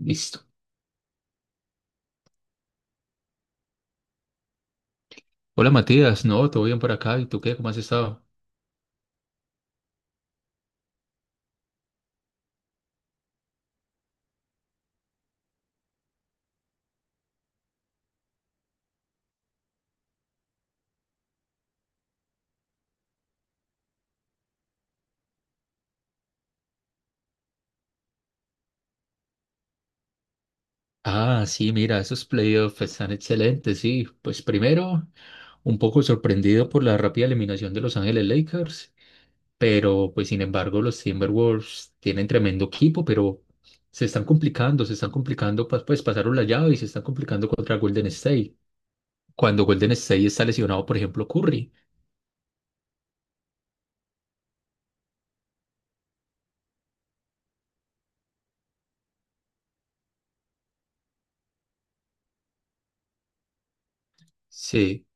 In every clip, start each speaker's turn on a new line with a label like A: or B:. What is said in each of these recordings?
A: Listo. Hola Matías, no, todo bien por acá. ¿Y tú qué? ¿Cómo has estado? Ah, sí, mira, esos playoffs están excelentes, sí. Pues primero, un poco sorprendido por la rápida eliminación de Los Ángeles Lakers, pero pues sin embargo los Timberwolves tienen tremendo equipo, pero se están complicando, pues pasaron la llave y se están complicando contra Golden State. Cuando Golden State está lesionado, por ejemplo, Curry. Sí,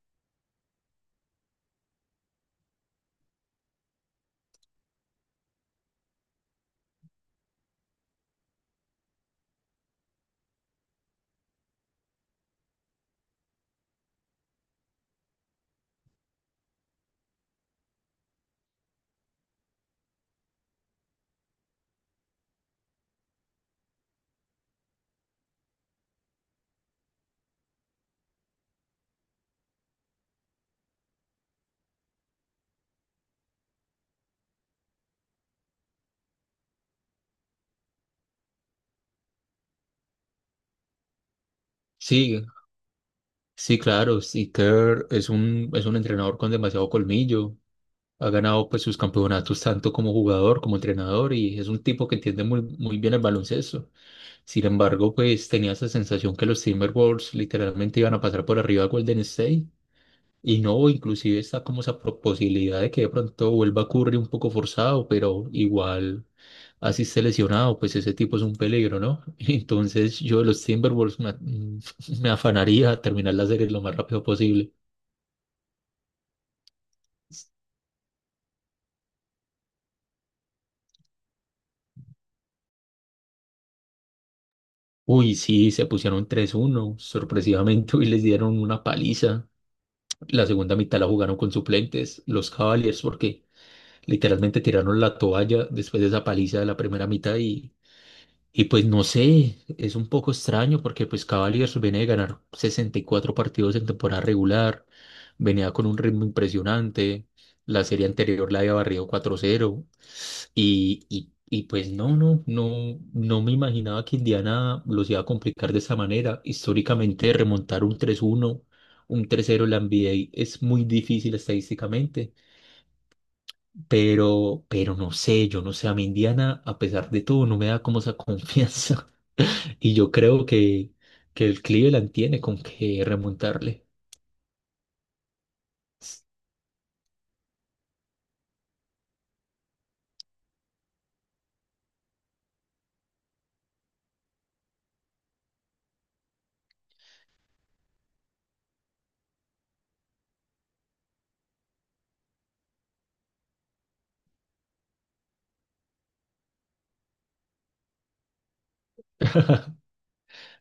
A: sí, sí, claro, sí, Kerr es un entrenador con demasiado colmillo. Ha ganado pues sus campeonatos tanto como jugador como entrenador y es un tipo que entiende muy, muy bien el baloncesto. Sin embargo, pues tenía esa sensación que los Timberwolves literalmente iban a pasar por arriba a Golden State y no, inclusive está como esa posibilidad de que de pronto vuelva a Curry un poco forzado, pero igual así esté lesionado, pues ese tipo es un peligro, ¿no? Entonces yo de los Timberwolves me afanaría a terminar la serie lo más rápido posible. Uy, sí, se pusieron 3-1 sorpresivamente, y les dieron una paliza. La segunda mitad la jugaron con suplentes, los Cavaliers, porque literalmente tiraron la toalla después de esa paliza de la primera mitad y pues no sé, es un poco extraño porque pues Cavaliers viene de ganar 64 partidos en temporada regular, venía con un ritmo impresionante, la serie anterior la había barrido 4-0 y pues no me imaginaba que Indiana los iba a complicar de esa manera. Históricamente, remontar un 3-0 en la NBA es muy difícil estadísticamente, pero no sé, yo no sé, a mí Indiana, a pesar de todo, no me da como esa confianza. Y yo creo que el Cleveland tiene con qué remontarle.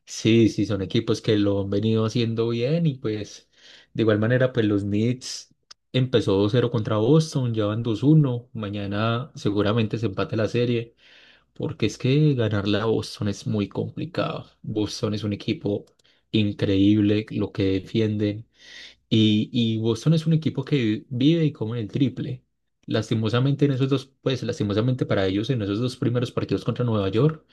A: Sí, sí, son equipos que lo han venido haciendo bien y pues de igual manera pues los Knicks empezó 2-0 contra Boston, ya van 2-1. Mañana seguramente se empate la serie porque es que ganarle a Boston es muy complicado. Boston es un equipo increíble lo que defienden y Boston es un equipo que vive y come el triple. Lastimosamente en esos dos, pues lastimosamente para ellos en esos dos primeros partidos contra Nueva York.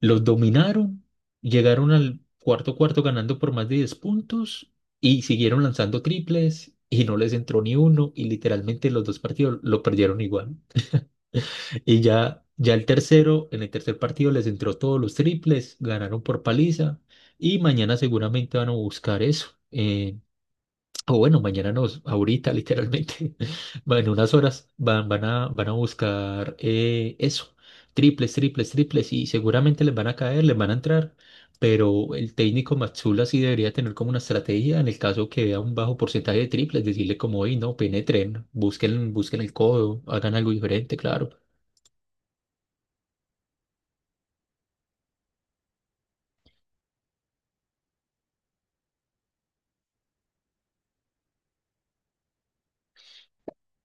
A: Los dominaron, llegaron al cuarto cuarto ganando por más de 10 puntos y siguieron lanzando triples y no les entró ni uno y literalmente los dos partidos lo perdieron igual. Y ya, ya el tercero, en el tercer partido les entró todos los triples, ganaron por paliza y mañana seguramente van a buscar eso. O bueno, mañana ahorita literalmente, en unas horas van a buscar, eso, triples, triples, triples, y seguramente les van a caer, les van a entrar, pero el técnico Matsula sí debería tener como una estrategia en el caso que vea un bajo porcentaje de triples, decirle como, oye, no, penetren, busquen, busquen el codo, hagan algo diferente, claro.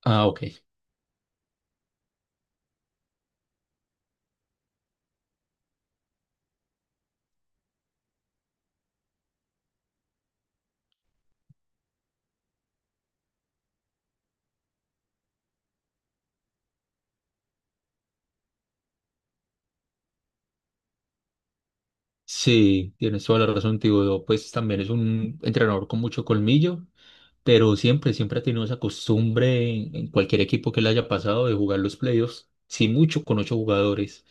A: Ah, ok. Sí, tienes toda la razón, tío. Pues también es un entrenador con mucho colmillo pero siempre, siempre ha tenido esa costumbre en, cualquier equipo que le haya pasado de jugar los playoffs, sí mucho con ocho jugadores.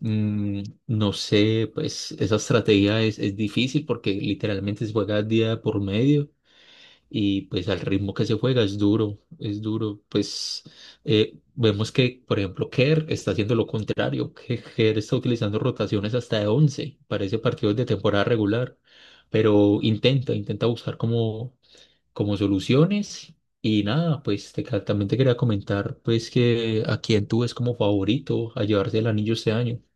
A: No sé, pues esa estrategia es difícil porque literalmente se juega día por medio y pues al ritmo que se juega es duro, es duro. Pues vemos que, por ejemplo, Kerr está haciendo lo contrario, que Kerr está utilizando rotaciones hasta de 11 parece partidos de temporada regular pero intenta, intenta buscar como soluciones. Y nada, pues también te quería comentar pues que a quién tú ves como favorito a llevarse el anillo este año.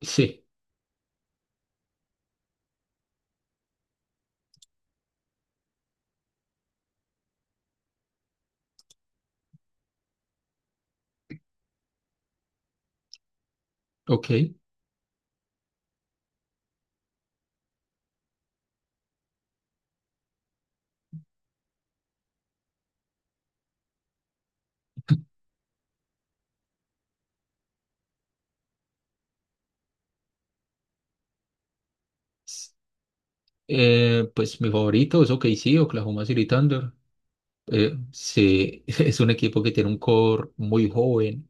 A: Sí, ok. S- pues mi favorito es OKC, Oklahoma City Thunder. Sí, es un equipo que tiene un core muy joven.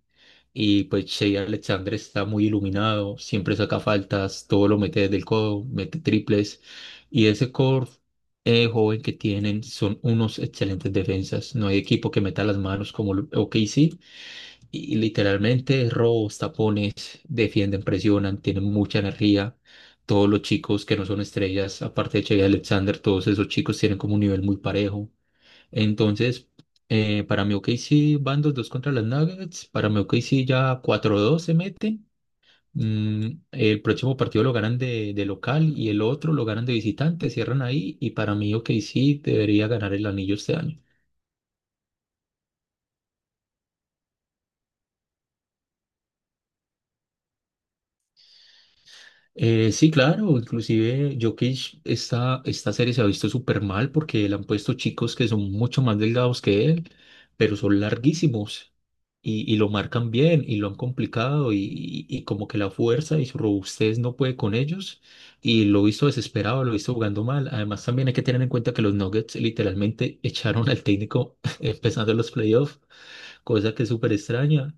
A: Y pues Shea Alexander está muy iluminado, siempre saca faltas, todo lo mete desde el codo, mete triples. Y ese core, joven, que tienen son unos excelentes defensas. No hay equipo que meta las manos como el OKC. Y literalmente robos, tapones, defienden, presionan, tienen mucha energía. Todos los chicos que no son estrellas, aparte de Shea Alexander, todos esos chicos tienen como un nivel muy parejo. Entonces, para mi OKC van 2-2 contra las Nuggets. Para mi OKC ya 4-2 se mete. El próximo partido lo ganan de local y el otro lo ganan de visitante, cierran ahí. Y para mí OKC debería ganar el anillo este año. Sí, claro, inclusive Jokic, esta serie se ha visto súper mal porque le han puesto chicos que son mucho más delgados que él, pero son larguísimos y lo marcan bien y lo han complicado y como que la fuerza y su robustez no puede con ellos y lo he visto desesperado, lo he visto jugando mal. Además también hay que tener en cuenta que los Nuggets literalmente echaron al técnico empezando los playoffs, cosa que es súper extraña.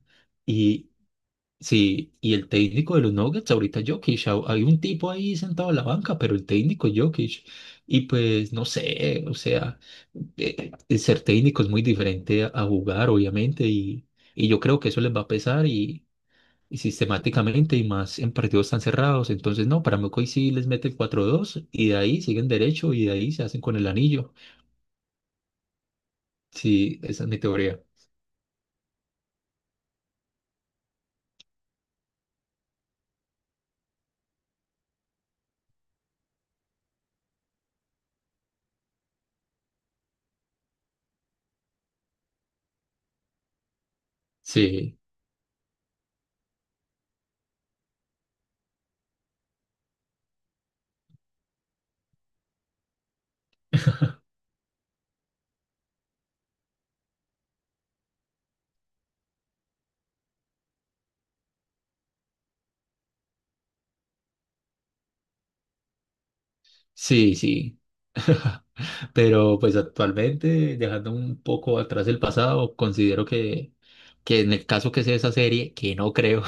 A: Sí, y el técnico de los Nuggets ahorita Jokic, hay un tipo ahí sentado en la banca, pero el técnico es Jokic. Y pues no sé, o sea, ser técnico es muy diferente a, jugar, obviamente, y yo creo que eso les va a pesar y sistemáticamente y más en partidos tan cerrados. Entonces, no, para mí hoy sí les mete el 4-2 y de ahí siguen derecho y de ahí se hacen con el anillo. Sí, esa es mi teoría. Sí, sí, sí. Pero pues actualmente, dejando un poco atrás el pasado, considero que en el caso que sea esa serie, que no creo,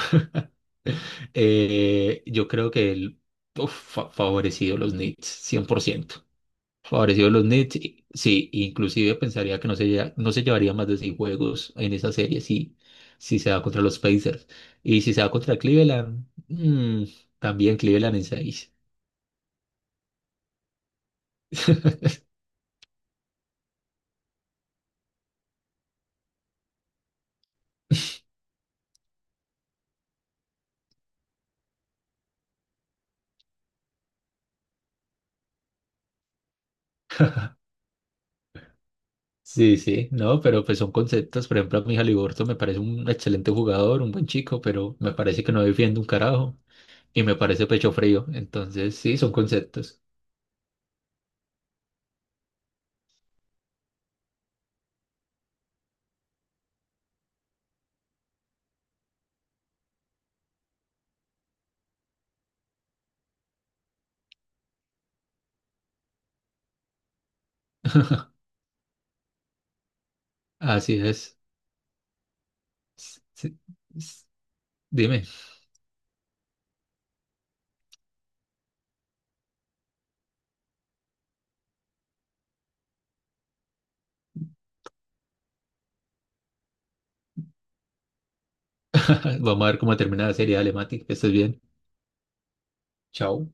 A: yo creo que el, favorecido los Knicks, 100%. Favorecido los Knicks, sí, inclusive pensaría que no se llevaría más de seis juegos en esa serie si, se da contra los Pacers. Y si se da contra Cleveland, también Cleveland en seis. Sí, sí, no, pero pues son conceptos. Por ejemplo, a mi Haliburton me parece un excelente jugador, un buen chico, pero me parece que no defiende un carajo y me parece pecho frío. Entonces, sí, son conceptos. Así es. S- s- s- Dime, vamos a ver cómo termina la serie. Dale, Mati, que estés bien. Chao.